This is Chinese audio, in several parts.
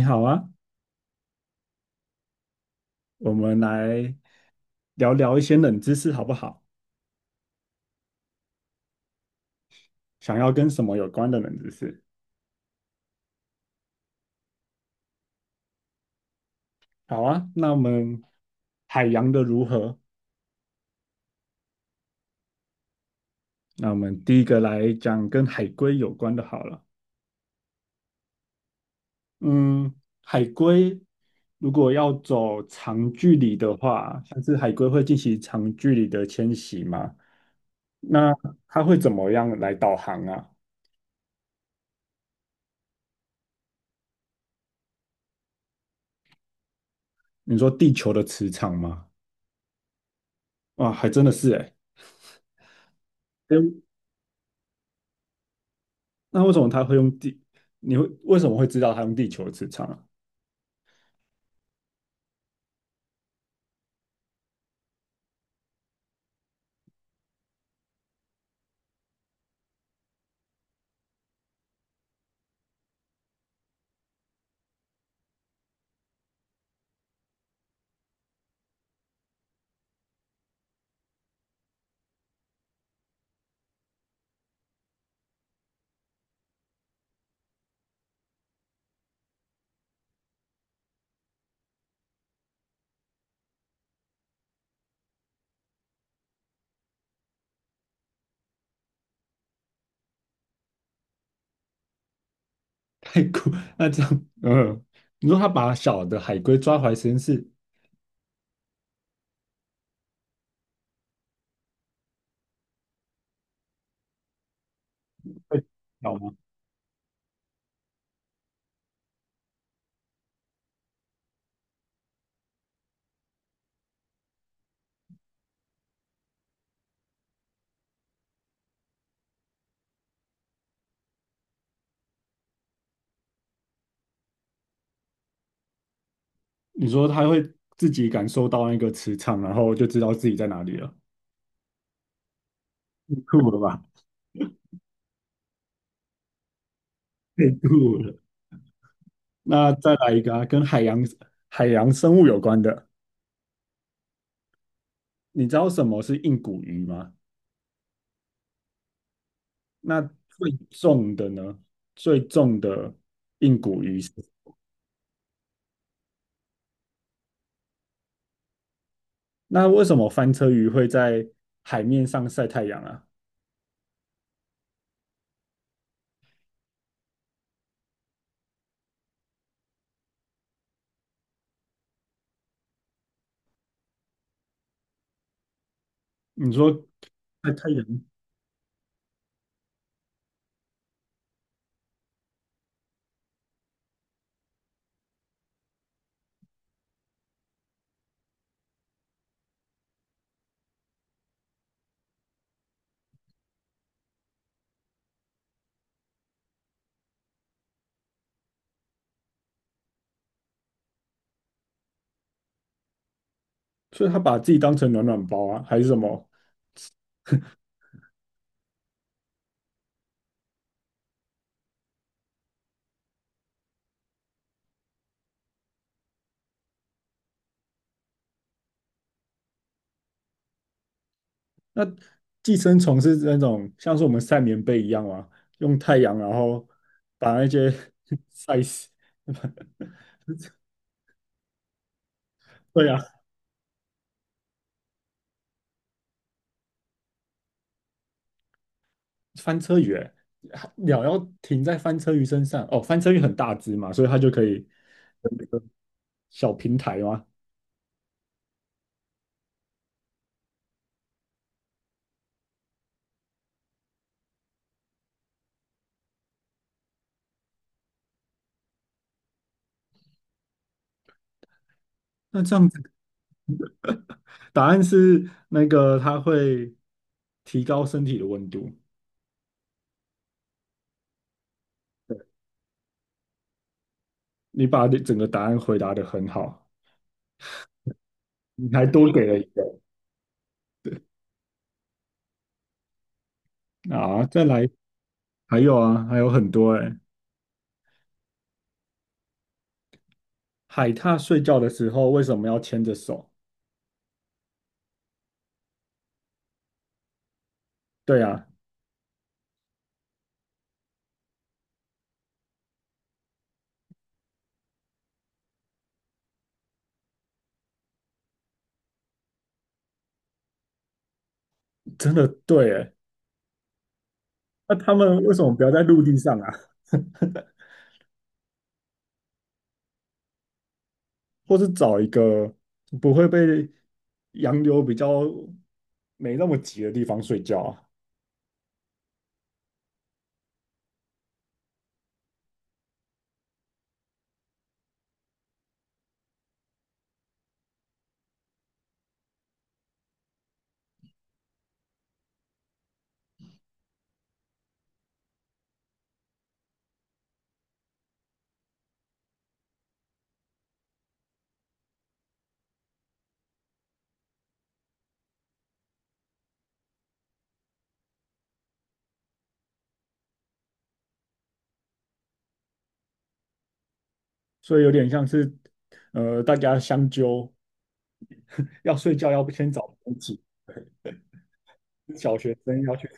你好啊，我们来聊聊一些冷知识好不好？想要跟什么有关的冷知识？好啊，那我们海洋的如何？那我们第一个来讲跟海龟有关的好了。嗯，海龟如果要走长距离的话，像是海龟会进行长距离的迁徙吗？那它会怎么样来导航啊？你说地球的磁场吗？哇，还真的是诶。那为什么他会用地？你会为什么会知道他用地球的磁场啊？太酷！那这样，嗯，你说他把小的海龟抓回来实验室会小吗？你说他会自己感受到那个磁场，然后就知道自己在哪里了，酷了吧？太酷了！那再来一个啊，跟海洋生物有关的，你知道什么是硬骨鱼吗？那最重的呢？最重的硬骨鱼是那为什么翻车鱼会在海面上晒太阳啊？你说晒太阳，所以它把自己当成暖暖包啊，还是什么？那寄生虫是那种像是我们晒棉被一样啊，用太阳然后把那些 晒死。对啊，翻车鱼欸、鸟要停在翻车鱼身上哦，翻车鱼很大只嘛，所以它就可以有一个小平台嘛。那这样子答案是那个它会提高身体的温度。你把你整个答案回答的很好，你还多给了一个啊！再来，还有啊，还有很多哎、海獭睡觉的时候为什么要牵着手？对啊，真的对哎、那他们为什么不要在陆地上啊？或是找一个不会被洋流比较没那么急的地方睡觉啊？所以有点像是大家相纠，要睡觉要不先找东西。小学生要去。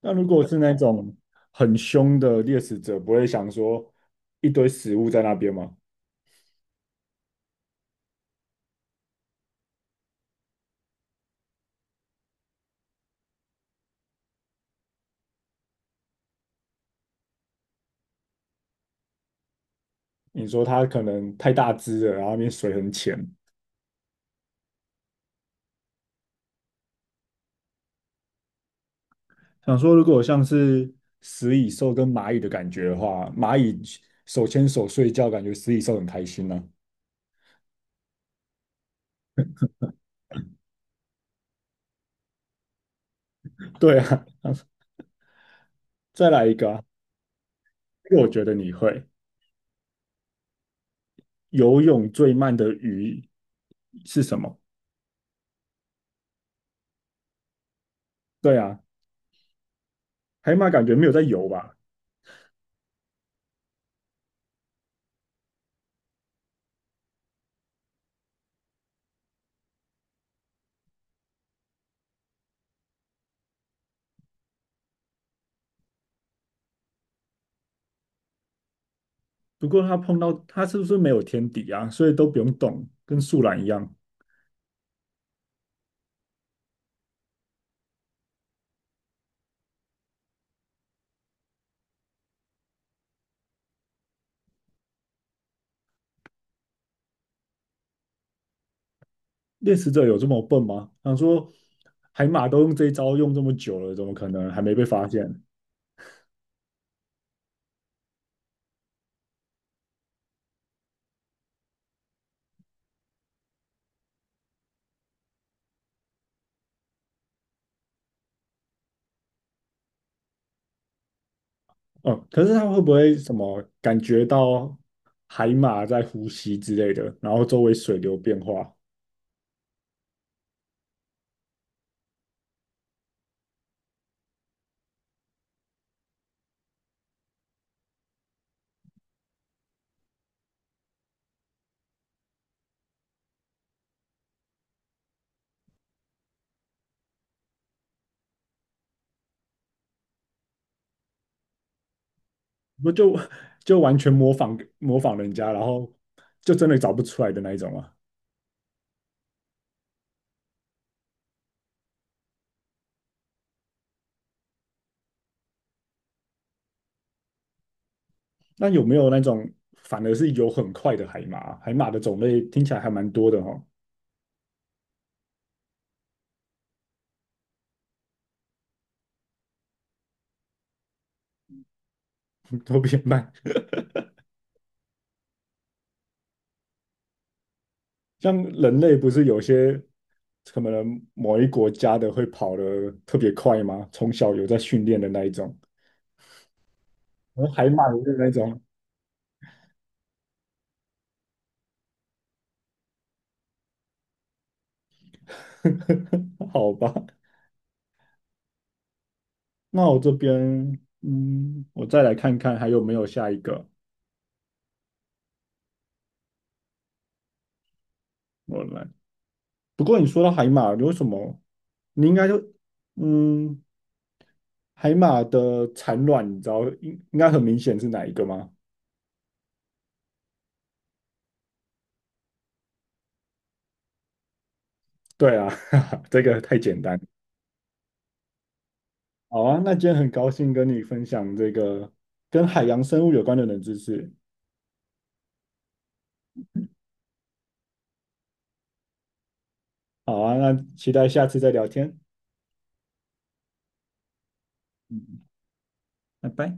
那如果是那种很凶的猎食者，不会想说一堆食物在那边吗？你说它可能太大只了，然后那边水很浅。想说，如果像是食蚁兽跟蚂蚁的感觉的话，蚂蚁手牵手睡觉，感觉食蚁兽很开心呢、啊对啊，再来一个啊，因为我觉得你会。游泳最慢的鱼是什么？对啊，海马感觉没有在游吧？不过它碰到它是不是没有天敌啊？所以都不用动，跟树懒一样。猎食者有这么笨吗？想说海马都用这一招用这么久了，怎么可能还没被发现？哦，可是它会不会什么感觉到海马在呼吸之类的，然后周围水流变化，不就就完全模仿人家，然后就真的找不出来的那一种啊？那有没有那种反而是有很快的海马？海马的种类听起来还蛮多的哦，都比较慢。像人类不是有些可能某一国家的会跑得特别快吗？从小有在训练的那一种，然海马也是那种，好吧。那我这边，嗯，我再来看看还有没有下一个。我来，不过你说到海马，有什么？你应该就，嗯，海马的产卵，你知道应该很明显是哪一个吗？对啊，这个太简单。好啊，那今天很高兴跟你分享这个跟海洋生物有关的冷知识。好啊，那期待下次再聊天。嗯，拜拜。